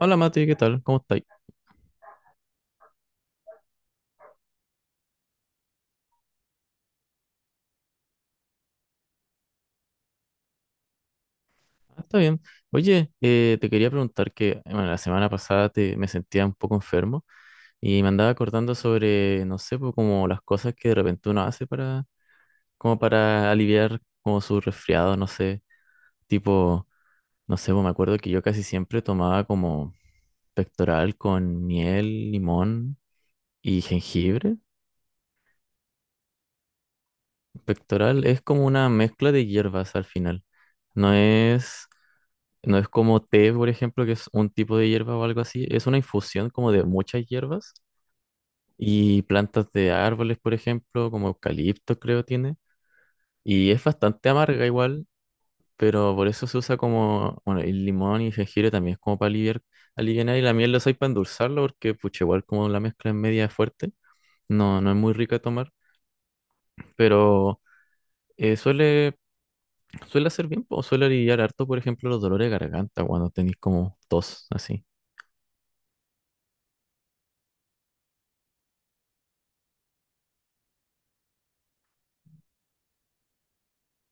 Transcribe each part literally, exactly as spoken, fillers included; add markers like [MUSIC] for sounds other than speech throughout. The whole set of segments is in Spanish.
Hola Mati, ¿qué tal? ¿Cómo estáis? Ah, está bien. Oye, eh, te quería preguntar que bueno, la semana pasada te, me sentía un poco enfermo y me andaba acordando sobre, no sé, pues, como las cosas que de repente uno hace para, como para aliviar como su resfriado, no sé, tipo, no sé, pues, me acuerdo que yo casi siempre tomaba como pectoral con miel, limón y jengibre. Pectoral es como una mezcla de hierbas al final. No es. No es como té, por ejemplo, que es un tipo de hierba o algo así. Es una infusión como de muchas hierbas y plantas de árboles, por ejemplo, como eucalipto creo tiene. Y es bastante amarga igual, pero por eso se usa como, bueno, el limón y jengibre también es como para aliviar, alivianar y la miel lo usáis para endulzarlo porque, pucha, igual como la mezcla es media fuerte, no, no es muy rica de tomar, pero eh, suele, suele hacer bien, o suele aliviar harto, por ejemplo, los dolores de garganta cuando tenéis como tos, así.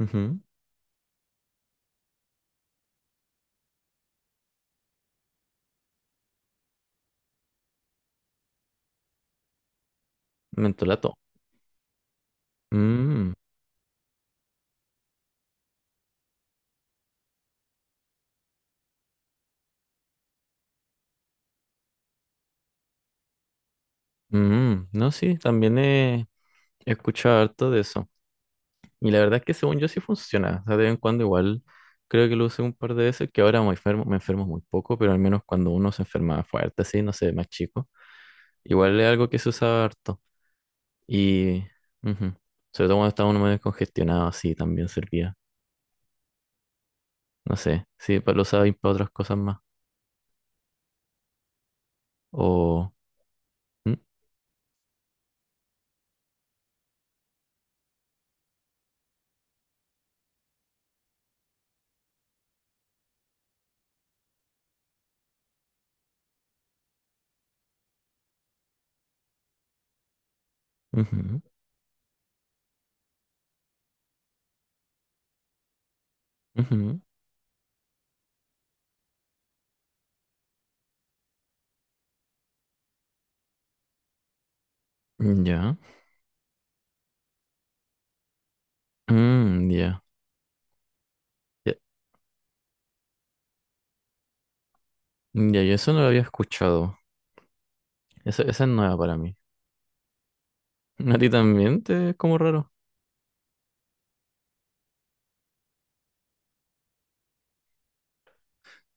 Ujú. Mentolato. Mm, mm, No, sí, también he he escuchado harto de eso. Y la verdad es que según yo sí funciona. O sea, de vez en cuando igual creo que lo usé un par de veces, que ahora me enfermo, me enfermo muy poco, pero al menos cuando uno se enferma fuerte, así, no sé, más chico, igual es algo que se usaba harto. Y ujú, sobre todo cuando estaba uno medio congestionado, así también servía. No sé, sí, pa- lo usaba y para otras cosas más. O... mm, ujú, ujú, ya. Mm, ya. Ya, ya, yo eso no lo había escuchado. Esa, esa es nueva para mí. [LAUGHS] A ti también te es como raro.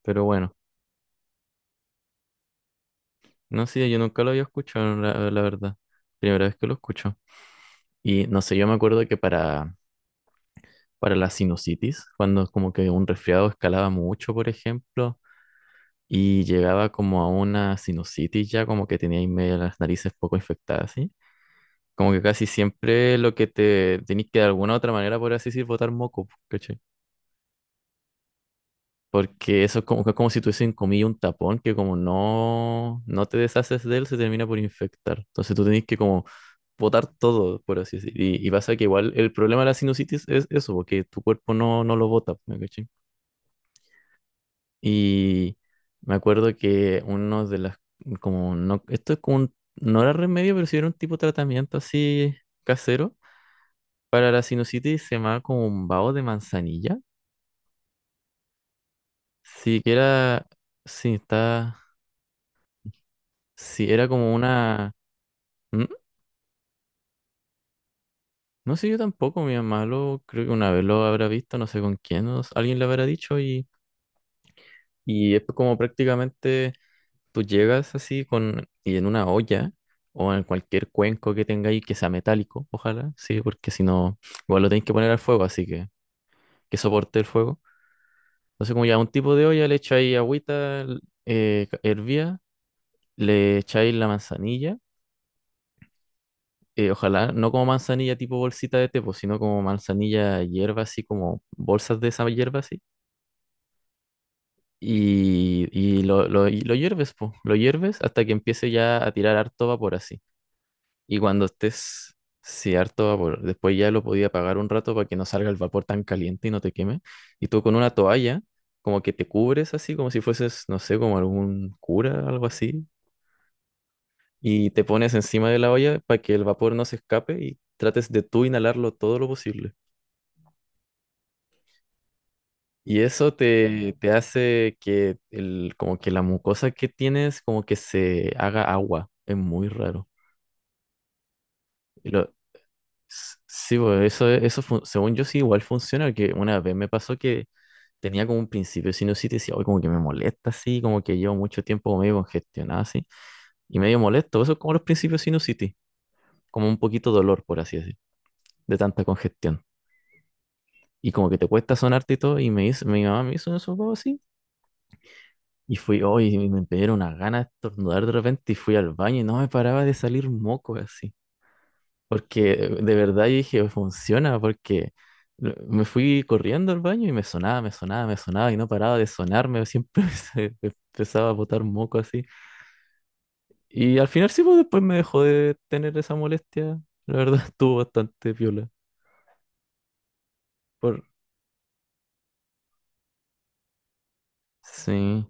Pero bueno, no sé, yo nunca lo había escuchado, la, la verdad. Primera vez que lo escucho. Y no sé, yo me acuerdo que para, para la sinusitis, cuando como que un resfriado escalaba mucho, por ejemplo, y llegaba como a una sinusitis ya, como que tenía ahí medio las narices poco infectadas, ¿sí? Como que casi siempre lo que te tenés que de alguna u otra manera, por así decir, botar moco, ¿cachai? Porque eso es como, es como si tuviese en comillas un tapón que como no, no te deshaces de él, se termina por infectar. Entonces tú tenés que como botar todo, por así decir. Y, y pasa que igual el problema de la sinusitis es eso, porque tu cuerpo no, no lo bota, ¿me cachai? Y me acuerdo que uno de las, como, no, esto es como un, no era remedio, pero sí era un tipo de tratamiento así casero. Para la sinusitis se llamaba como un vaho de manzanilla. Sí, que era, sí, está... Sí, era como una, mm, no sé, yo tampoco, mi mamá lo creo que una vez lo habrá visto, no sé con quién, no sé, alguien le habrá dicho y, y es como prácticamente tú llegas así con y en una olla o en cualquier cuenco que tengáis que sea metálico, ojalá, sí, porque si no, igual lo tenéis que poner al fuego, así que que soporte el fuego. Entonces como ya un tipo de olla le echáis agüita l- eh, ca- hervía, le echáis la manzanilla, eh, ojalá no como manzanilla tipo bolsita de té, pues, sino como manzanilla hierba, así como bolsas de esa hierba, así. Y, y lo, lo, y lo hierves, po. Lo hierves hasta que empiece ya a tirar harto vapor así. Y cuando estés, sí, harto vapor, después ya lo podía apagar un rato para que no salga el vapor tan caliente y no te queme. Y tú con una toalla, como que te cubres así, como si fueses, no sé, como algún cura, algo así. Y te pones encima de la olla para que el vapor no se escape y trates de tú inhalarlo todo lo posible. Y eso te, te hace que el, como que la mucosa que tienes como que se haga agua. Es muy raro. Y lo- s- sí, bo, eso, eso fun- según yo sí igual funciona, que una vez me pasó que tenía como un principio de sinusitis y decía, hoy como que me molesta así, como que llevo mucho tiempo como medio congestionado así. Y medio molesto, eso es como los principios de sinusitis, como un poquito dolor, por así decir, de tanta congestión. Y como que te cuesta sonarte y todo, y me hizo, mi mamá me hizo eso. Y fui, hoy y me me dieron unas ganas de estornudar de repente y fui al baño y no me paraba de salir moco así. Porque eh, de verdad yo dije, funciona, porque lo- me fui corriendo al baño y me sonaba, me sonaba, me sonaba y no paraba de sonarme, siempre [LAUGHS] se- me empezaba a botar moco así. Y al final sí, pues después me dejó de tener esa molestia. La verdad [LAUGHS] estuvo bastante piola. Por... Sí.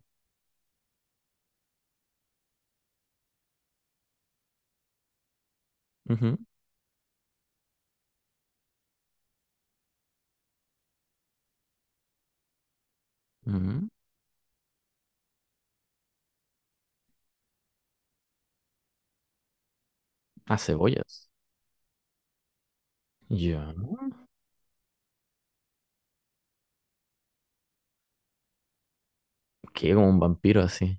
Ujú, ujú. A cebollas. Ya. Quedé como un vampiro así.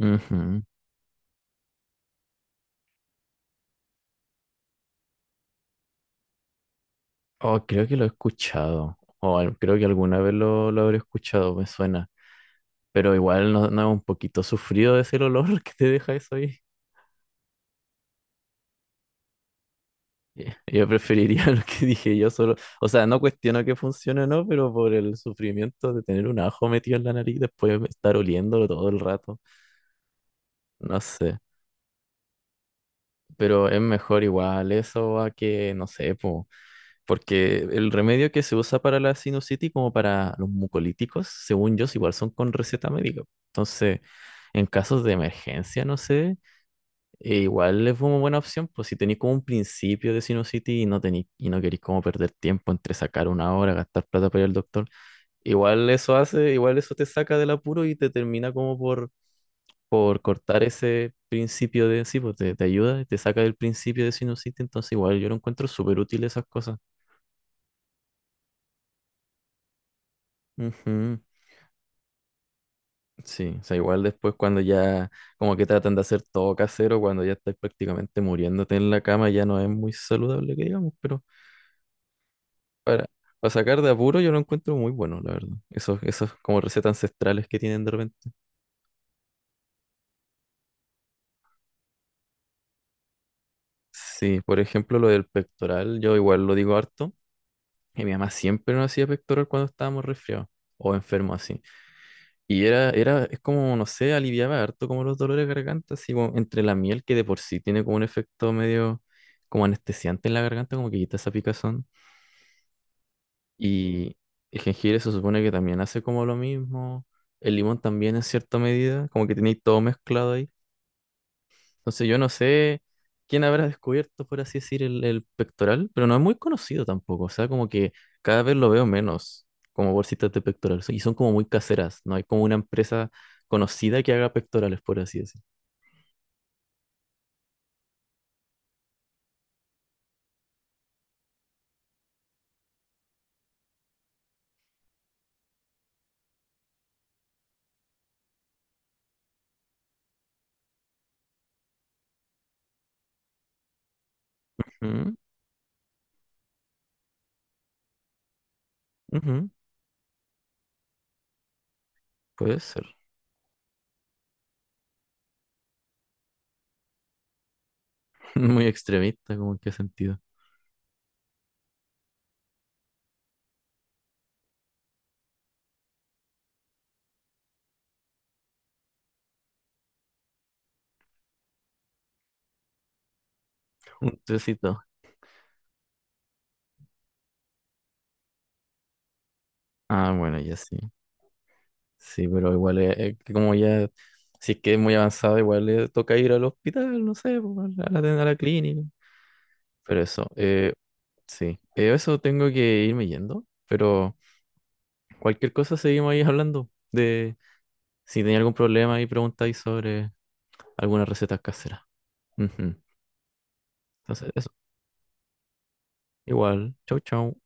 Ujú. Oh, creo que lo he escuchado. O al- creo que alguna vez lo, lo habré escuchado, me suena. Pero igual no, no es un poquito sufrido es el olor [LAUGHS] que te deja eso ahí. Yeah. Yo preferiría [LAUGHS] lo que dije yo solo. O sea, no cuestiono que funcione o no, pero por el sufrimiento de tener un ajo metido en la nariz, después de estar oliéndolo todo el rato. No sé. Pero es mejor igual eso a que, no sé, pues. Porque el remedio que se usa para la sinusitis, como para los mucolíticos, según yo, igual son con receta médica. Entonces, en casos de emergencia, no sé, eh, igual es una buena opción, pues si tenéis como un principio de sinusitis y no tenéis, y no queréis como perder tiempo entre sacar una hora, gastar plata para ir al doctor, igual eso hace, igual eso te saca del apuro y te termina como por, por cortar ese principio de, sí, pues te, te ayuda, te saca del principio de sinusitis, entonces igual yo lo encuentro súper útil esas cosas. Ujú. Sí, o sea, igual después cuando ya como que tratan de hacer todo casero, cuando ya estás prácticamente muriéndote en la cama, ya no es muy saludable que digamos, pero para, para sacar de apuro yo lo encuentro muy bueno, la verdad. Esos, esos como recetas ancestrales que tienen de repente. Sí, por ejemplo, lo del pectoral, yo igual lo digo harto, y mi mamá siempre nos hacía pectoral cuando estábamos resfriados o enfermos así. Y era, era, es como, no sé, aliviaba harto como los dolores de garganta, así como entre la miel que de por sí tiene como un efecto medio como anestesiante en la garganta, como que quita esa picazón. Y el jengibre se supone que también hace como lo mismo. El limón también en cierta medida, como que tenéis todo mezclado ahí. Entonces yo no sé quién habrá descubierto, por así decir, el, el pectoral, pero no es muy conocido tampoco. O sea, como que cada vez lo veo menos como bolsitas de pectoral. Y son como muy caseras. No hay como una empresa conocida que haga pectorales, por así decir. Mm, ujú, puede ser. [LAUGHS] Muy extremista, como en qué sentido. Un tecito. Ah, bueno, ya sí. Sí, pero igual, eh, eh, que como ya, si es que es muy avanzado, igual le toca ir al hospital, no sé, pues, a la, a la clínica. Pero eso, eh, sí, eh, eso tengo que irme yendo, pero cualquier cosa seguimos ahí hablando de si tenía algún problema y preguntáis sobre algunas recetas caseras. Ujú. Entonces, eso. Igual. Chau, chau.